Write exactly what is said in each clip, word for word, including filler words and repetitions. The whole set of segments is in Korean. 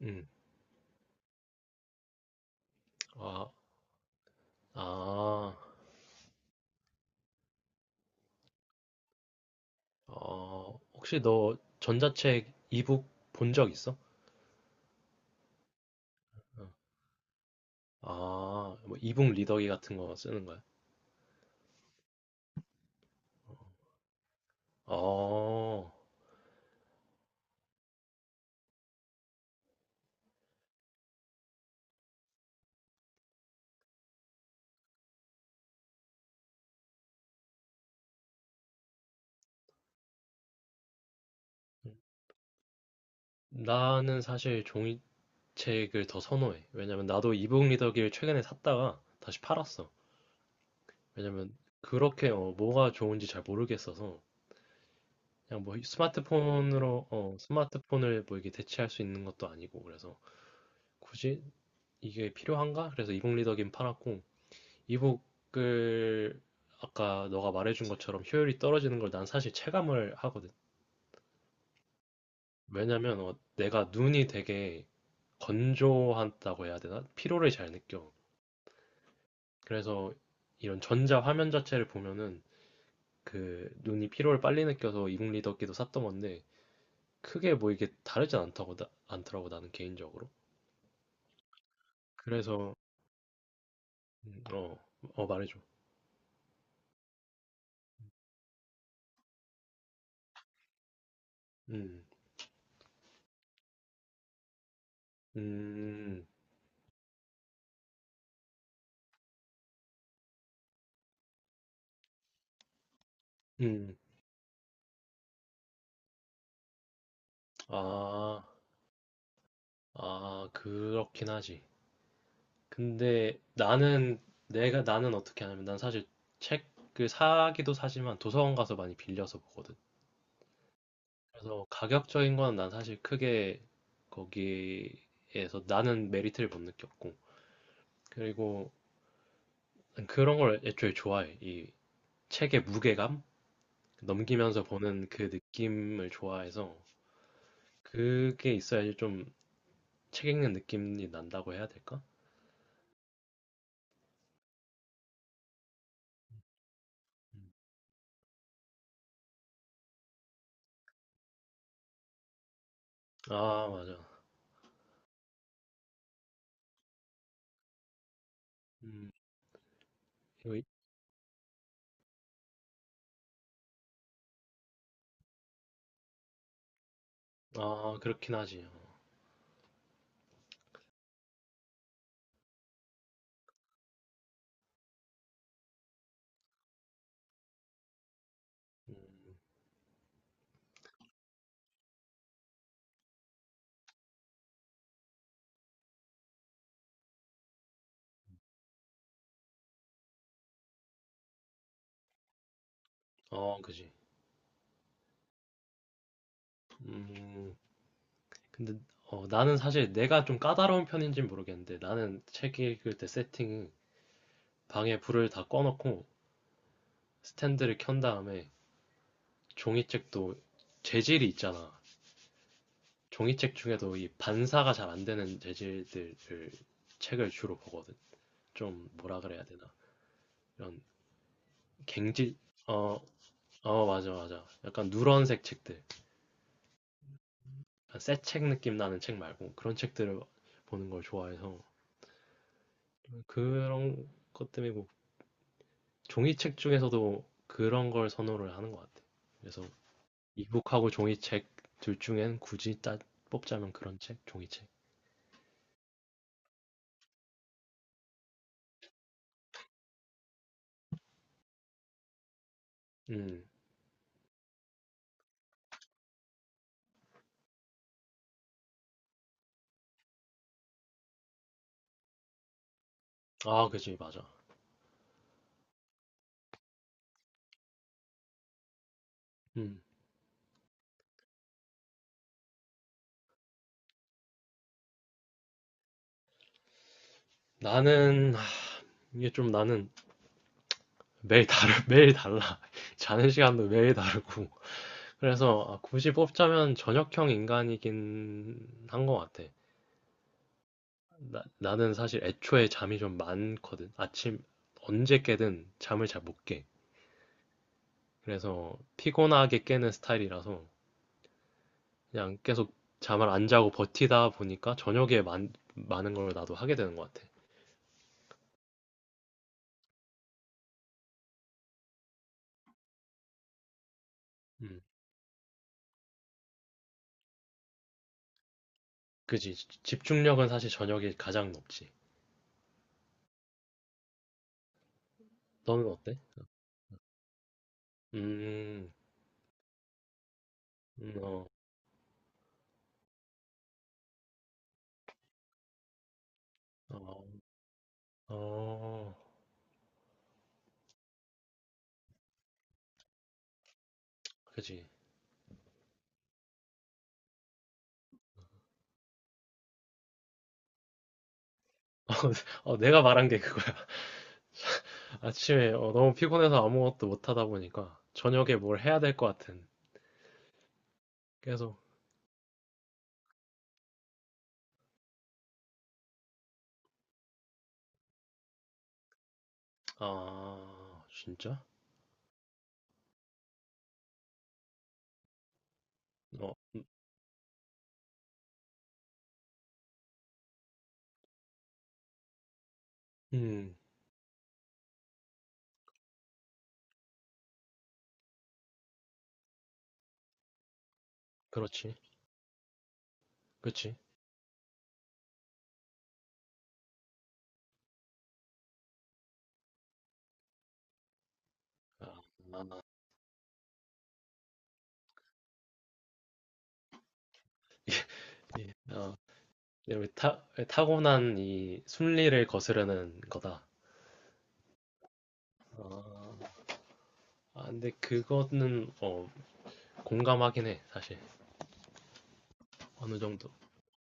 음. 아, 아, 어, 혹시 너 전자책 이북 본 적 있어? 어. 아, 뭐 이북 리더기 같은 거 쓰는 거야? 어, 나는 사실 종이책을 더 선호해. 왜냐면 나도 이북 리더기를 최근에 샀다가 다시 팔았어. 왜냐면 그렇게 어, 뭐가 좋은지 잘 모르겠어서. 그냥 뭐 스마트폰으로, 어, 스마트폰을 뭐 이게 대체할 수 있는 것도 아니고, 그래서 굳이 이게 필요한가? 그래서 이북 리더기는 팔았고, 이북을, 아까 너가 말해준 것처럼 효율이 떨어지는 걸 난 사실 체감을 하거든. 왜냐면 어, 내가 눈이 되게 건조하다고 해야 되나? 피로를 잘 느껴. 그래서 이런 전자 화면 자체를 보면은 그 눈이 피로를 빨리 느껴서 이북 리더기도 샀던 건데, 크게 뭐 이게 다르지 않다고, 나- 않더라고, 나는 개인적으로. 그래서 음, 어, 어 말해줘. 음, 음, 음, 아, 아 그렇긴 하지. 근데 나는, 내가, 나는 어떻게 하냐면, 난 사실 책을 사기도 사지만 도서관 가서 많이 빌려서 보거든. 그래서 가격적인 거는 난 사실 크게, 거기에서 나는 메리트를 못 느꼈고, 그리고 난 그런 걸 애초에 좋아해. 이 책의 무게감, 넘기면서 보는 그 느낌을 좋아해서, 그게 있어야지 좀 책 읽는 느낌이 난다고 해야 될까? 음. 아 맞아. 음, 이거 이- 아 그렇긴 하지. 음, 어 그지. 음, 근데 어, 나는 사실 내가 좀 까다로운 편인지는 모르겠는데, 나는 책 읽을 때 세팅이 방에 불을 다 꺼놓고 스탠드를 켠 다음에, 종이책도 재질이 있잖아. 종이책 중에도 이 반사가 잘 안 되는 재질들을, 책을 주로 보거든. 좀 뭐라 그래야 되나? 이런 갱질, 어, 어, 맞아, 맞아. 약간 누런색 책들. 약간 새책 느낌 나는 책 말고 그런 책들을 보는 걸 좋아해서, 그런 것 때문에 뭐 종이책 중에서도 그런 걸 선호를 하는 것 같아. 그래서 이북하고 종이책, 둘 중엔 굳이 따, 뽑자면 그런 책, 종이책. 음, 아, 그지, 맞아. 음, 나는 하, 이게 좀 나는 매일 다르, 매일 달라. 자는 시간도 매일 다르고. 그래서 아, 굳이 뽑자면 저녁형 인간이긴 한 것 같아. 나, 나는 사실 애초에 잠이 좀 많거든. 아침 언제 깨든 잠을 잘 못 깨. 그래서 피곤하게 깨는 스타일이라서, 그냥 계속 잠을 안 자고 버티다 보니까 저녁에 많, 많은 걸 나도 하게 되는 것 같아. 음, 그지. 지- 집중력은 사실 저녁이 가장 높지. 너는 어때? 음, 음, 어, 어, 어, 그지. 어, 내가 말한 게 그거야. 아침에 어, 너무 피곤해서 아무것도 못 하다 보니까, 저녁에 뭘 해야 될 것 같은. 계속, 아, 진짜? 어, 음, 음, 그렇지. 그치. 아, 아, 예, 아, 여기 타, 타고난 이 순리를 거스르는 거다. 아, 아, 근데 그거는 어, 공감하긴 해, 사실. 어느 정도.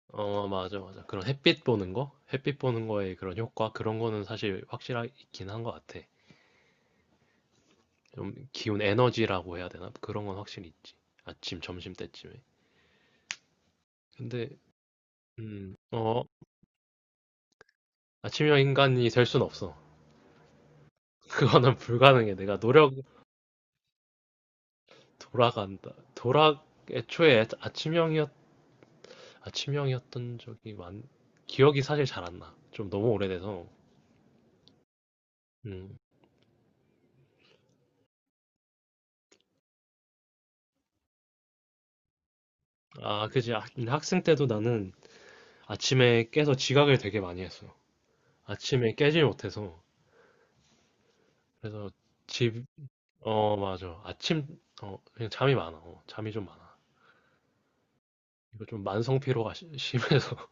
어, 맞아, 맞아. 그런 햇빛 보는 거? 햇빛 보는 거에 그런 효과? 그런 거는 사실 확실하긴 한 것 같아. 좀 기운 에너지라고 해야 되나? 그런 건 확실히 있지. 아침, 점심 때쯤에. 근데, 음, 어, 아침형 인간이 될 순 없어. 그거는 불가능해. 내가 노력, 돌아간다. 돌아, 애초에 아침형이었 아, 치명이었던 적이 많, 기억이 사실 잘 안 나. 좀 너무 오래돼서. 음. 아, 그지. 학- 학생 때도 나는 아침에 깨서 지각을 되게 많이 했어. 아침에 깨질 못해서. 그래서 집, 어, 맞아. 아침, 어, 그냥 잠이 많아. 어, 잠이 좀 많아. 이거 좀 만성 피로가 시- 심해서.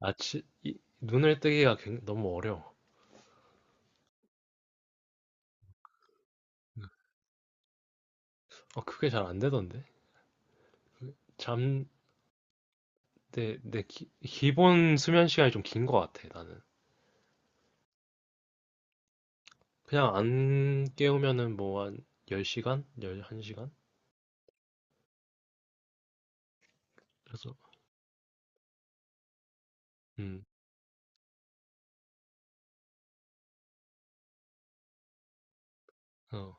아침, 이- 눈을 뜨기가 굉- 너무 어려워. 어, 그게 잘 안 되던데. 그 잠, 내, 내 기, 본 수면 시간이 좀 긴 것 같아, 나는. 그냥 안 깨우면은 뭐 한 열 시간 열 한 시간. 그래서 음. 어.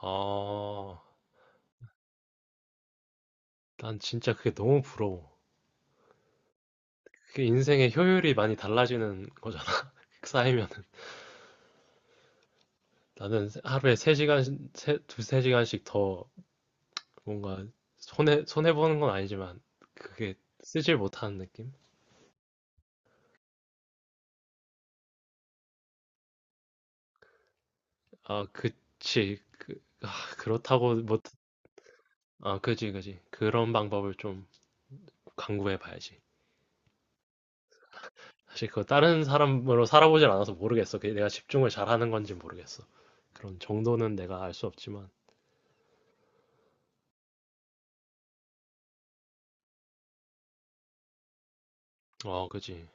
아. 난 진짜 그게 너무 부러워. 그게 인생의 효율이 많이 달라지는 거잖아. 쌓이면은. 나는 하루에 세 시간, 두세 시간씩 더 뭔가, 손해, 손해 보는 건 아니지만, 그게 쓰질 못하는 느낌? 아, 그치. 그, 아, 그렇다고 못, 아, 그지, 그지. 그런 방법을 좀 강구해 봐야지. 사실 그 다른 사람으로 살아보질 않아서 모르겠어. 그게 내가 집중을 잘하는 건지 모르겠어. 그런 정도는 내가 알 수 없지만, 어, 그지.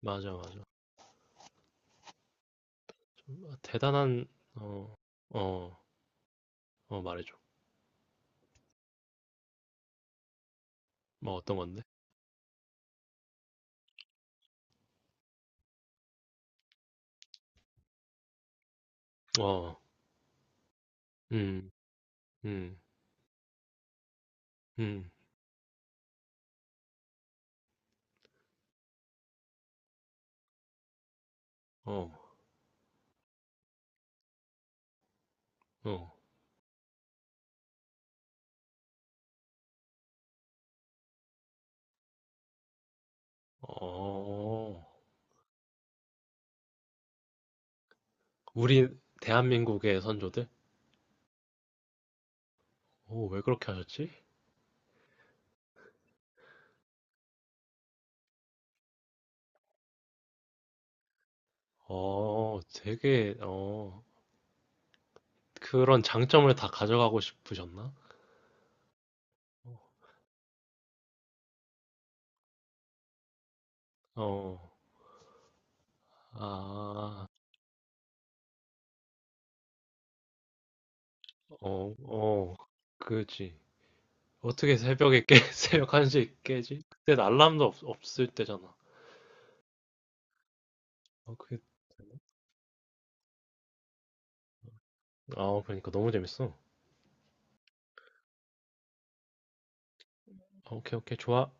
맞아, 맞아. 좀 대단한, 어, 어, 어, 말해줘. 뭐 어떤 건데? 어, 음, 음, 음, 어, 어, 어. 우리 대한민국의 선조들? 오, 왜 그렇게 하셨지? 어, 되게, 어, 그런 장점을 다 가져가고 싶으셨나? 어, 아. 어, 어, 그지. 어떻게 새벽에 깨, 새벽 한 시에 깨지? 그땐 알람도 없, 없을 때잖아. 어, 그게, 아, 그러니까 너무 재밌어. 아, 오케이, 오케이, 좋아.